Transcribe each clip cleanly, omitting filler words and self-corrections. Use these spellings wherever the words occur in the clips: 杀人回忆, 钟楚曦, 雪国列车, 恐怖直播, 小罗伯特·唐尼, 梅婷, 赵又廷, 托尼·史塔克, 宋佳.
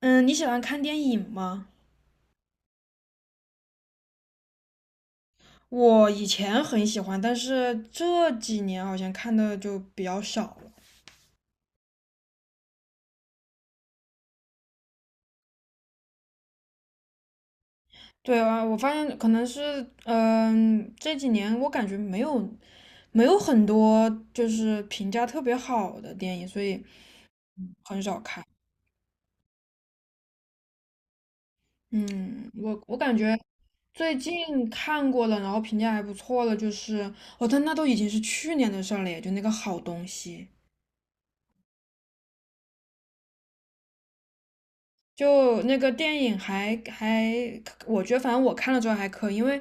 嗯，你喜欢看电影吗？我以前很喜欢，但是这几年好像看的就比较少了。对啊，我发现可能是，这几年我感觉没有很多就是评价特别好的电影，所以很少看。嗯，我感觉最近看过了，然后评价还不错了，就是哦，但那都已经是去年的事儿了耶，就那个好东西。就那个电影我觉得反正我看了之后还可以，因为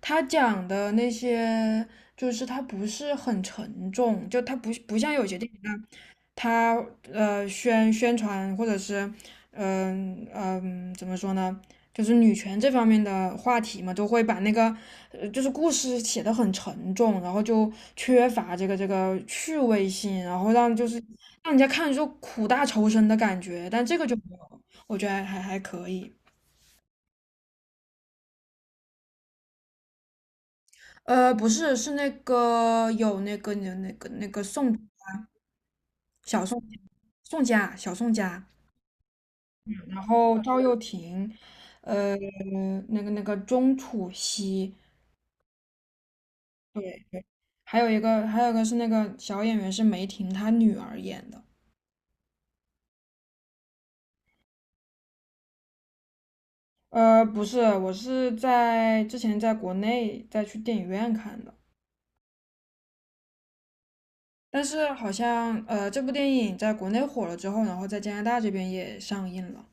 他讲的那些就是他不是很沉重，就他不像有些电影那他宣传或者是怎么说呢，就是女权这方面的话题嘛，都会把那个就是故事写得很沉重，然后就缺乏这个趣味性，然后就是让人家看着就苦大仇深的感觉，但这个就没有，我觉得还可以。不是，是那个有那个宋小宋宋佳小宋佳。然后赵又廷，呃，那个钟楚曦，对对，还有一个是那个小演员是梅婷她女儿演的，不是，我是在之前在国内再去电影院看的，但是好像这部电影在国内火了之后，然后在加拿大这边也上映了。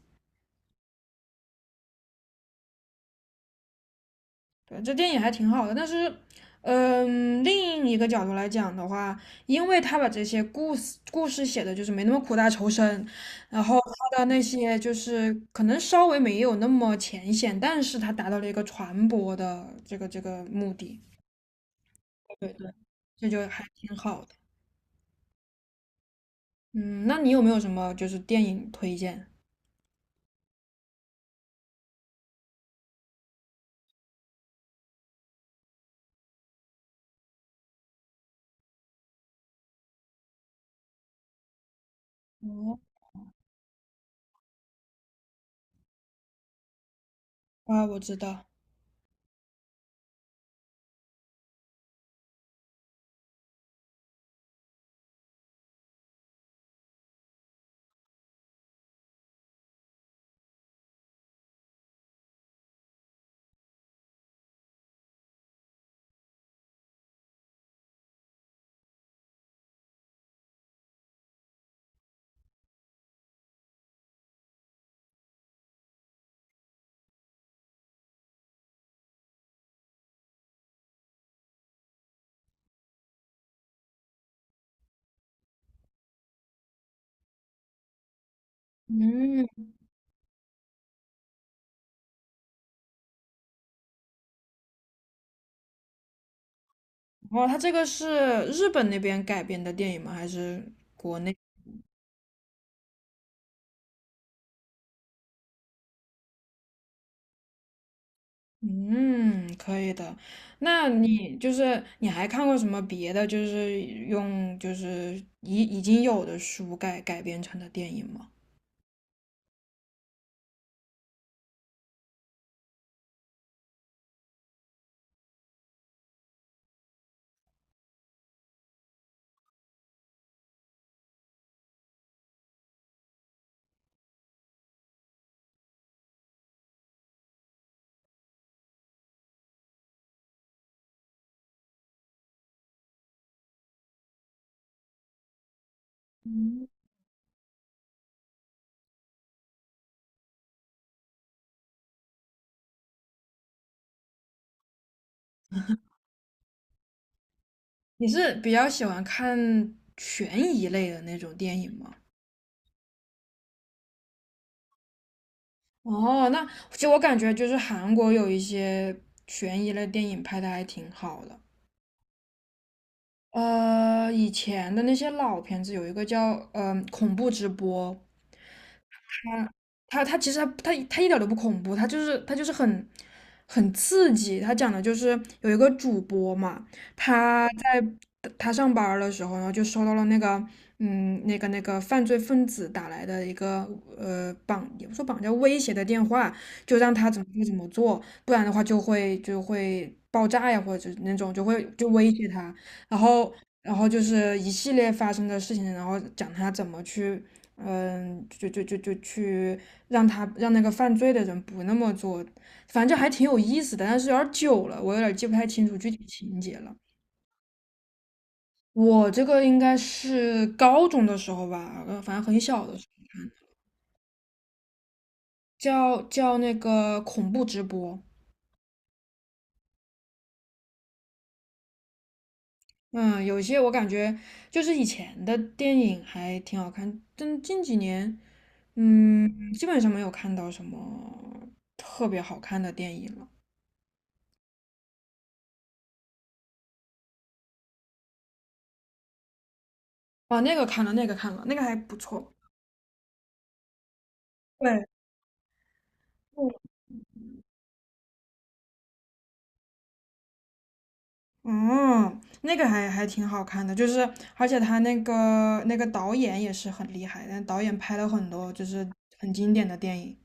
对，这电影还挺好的，但是，另一个角度来讲的话，因为他把这些故事写的就是没那么苦大仇深，然后他的那些就是可能稍微没有那么浅显，但是他达到了一个传播的这个目的，对对，这就还挺好的。嗯，那你有没有什么就是电影推荐？哦，啊，我知道，嗯，哦，他这个是日本那边改编的电影吗？还是国内？嗯，可以的。那你就是你还看过什么别的，就是用就是已经有的书改编成的电影吗？你是比较喜欢看悬疑类的那种电影吗？哦，那其实我感觉就是韩国有一些悬疑类电影拍的还挺好的。以前的那些老片子有一个叫恐怖直播》，他其实他一点都不恐怖，他就是很刺激。他讲的就是有一个主播嘛，他在他上班儿的时候，然后就收到了那个那个犯罪分子打来的一个绑也不说绑架威胁的电话，就让他怎么做怎么做，不然的话就会爆炸呀，或者是那种就威胁他，然后。然后。就是一系列发生的事情，然后讲他怎么去就去让那个犯罪的人不那么做，反正还挺有意思的，但是有点儿久了，我有点儿记不太清楚具体情节了。我这个应该是高中的时候吧，反正很小的时候看，叫那个恐怖直播。嗯，有些我感觉就是以前的电影还挺好看，但近几年，基本上没有看到什么特别好看的电影了。哦，那个看了，那个看了，那个还不错。对，嗯，那个还挺好看的，就是而且他那个导演也是很厉害，但导演拍了很多就是很经典的电影。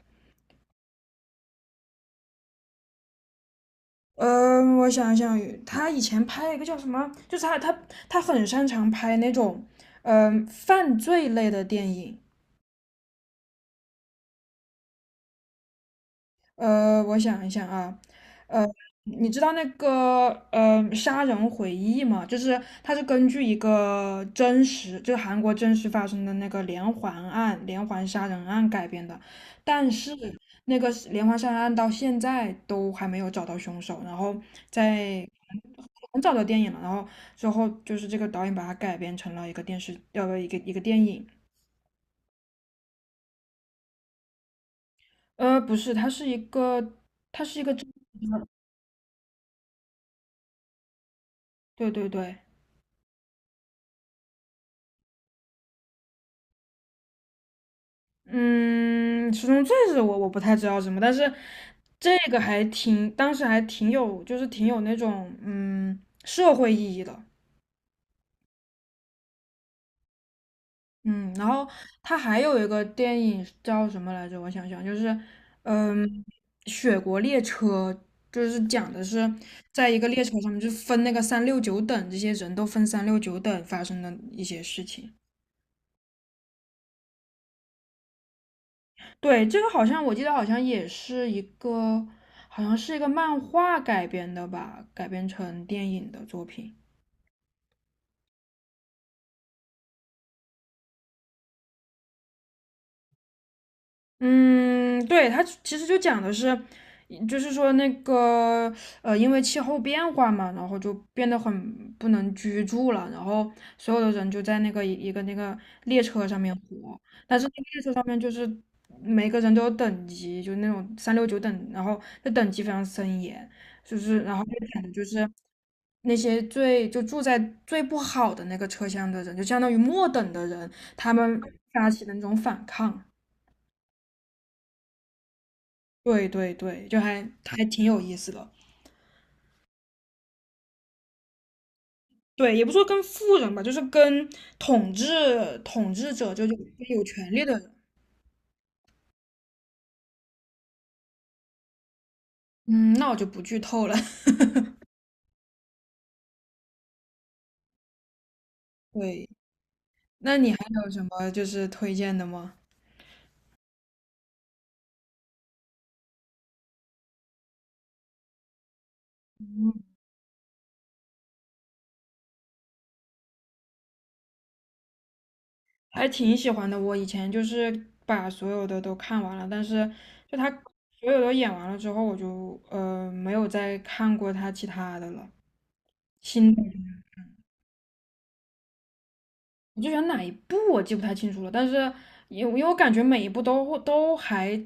嗯，我想想，他以前拍了一个叫什么，就是他很擅长拍那种犯罪类的电影。我想一想啊，呃，你知道那个《杀人回忆》吗？就是它是根据一个真实，就是韩国真实发生的那个连环杀人案改编的，但是那个是连环杀人案到现在都还没有找到凶手，然后在很早的电影了，然后之后就是这个导演把它改编成了一个电视，一个电影，不是，它是一个对对对。嗯，十中罪是我不太知道什么，但是这个当时还挺有，就是挺有那种社会意义的，嗯，然后他还有一个电影叫什么来着？我想想，就是嗯，《雪国列车》，就是讲的是在一个列车上面，就分那个三六九等，这些人都分三六九等发生的一些事情。对，这个好像我记得好像也是一个，好像是一个漫画改编的吧，改编成电影的作品。嗯，对，它其实就讲的是，就是说那个因为气候变化嘛，然后就变得很不能居住了，然后所有的人就在那个一个那个列车上面活，但是那个列车上面就是每个人都有等级，就那种三六九等，然后这等级非常森严，就是然后就讲的就是。那些就住在最不好的那个车厢的人，就相当于末等的人，他们发起的那种反抗。对对对，就还挺有意思的。对，也不说跟富人吧，就是跟统治者，就有权利的人。嗯，那我就不剧透了。对，那你还有什么就是推荐的吗？还挺喜欢的。我以前就是把所有的都看完了，但是就他所有都演完了之后，我就没有再看过他其他的了。新的我就选哪一部我记不太清楚了，但是因为我感觉每一部都还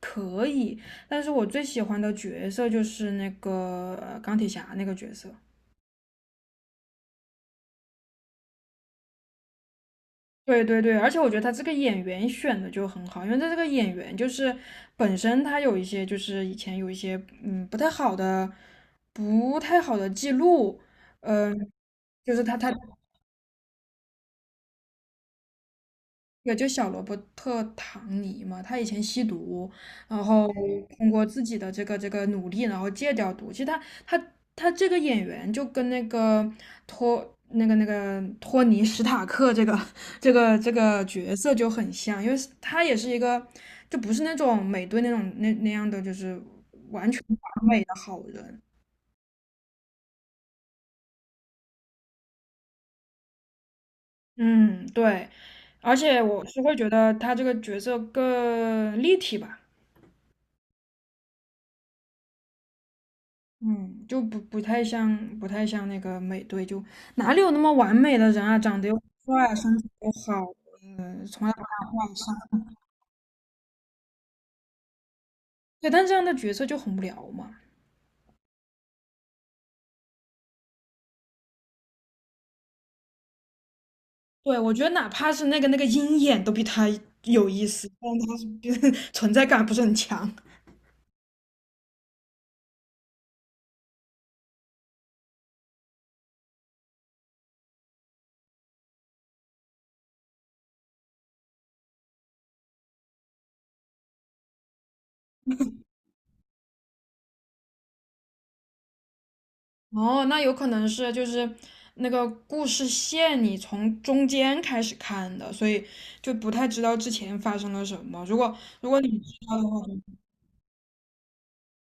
可以，但是我最喜欢的角色就是那个钢铁侠那个角色。对对对，而且我觉得他这个演员选的就很好，因为他这个演员就是本身他有一些就是以前有一些嗯不太好的不太好的记录，嗯、就是他小罗伯特·唐尼嘛，他以前吸毒，然后通过自己的这个努力，然后戒掉毒。其实他他这个演员就跟那个那个托尼·史塔克这个 这个角色就很像，因为他也是一个就不是那种美队那种那那样的就是完全完美的好人。嗯，对，而且我是会觉得他这个角色更立体吧。嗯，就不太像那个美队，就哪里有那么完美的人啊？长得又帅啊，身材又好，从来不敢患上。对，但这样的角色就很无聊嘛。对，我觉得哪怕是那个鹰眼都比他有意思，但他是比 存在感不是很强。哦，那有可能是就是那个故事线你从中间开始看的，所以就不太知道之前发生了什么。如果你知道的话。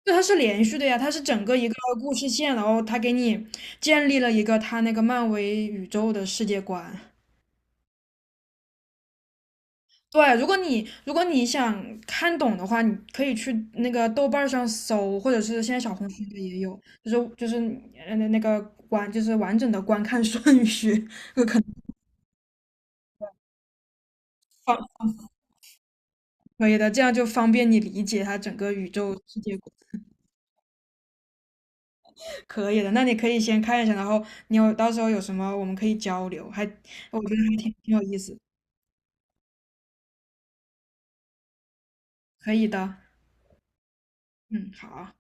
对，它是连续的呀，它是整个一个故事线，然后它给你建立了一个它那个漫威宇宙的世界观。对，如果你想看懂的话，你可以去那个豆瓣儿上搜，或者是现在小红书里也有，就是那个观，就是完整的观看顺序，方可以的，这样就方便你理解它整个宇宙世界观。可以的，那你可以先看一下，然后到时候有什么我们可以交流，我觉得还挺有意思。可以的。嗯，好啊。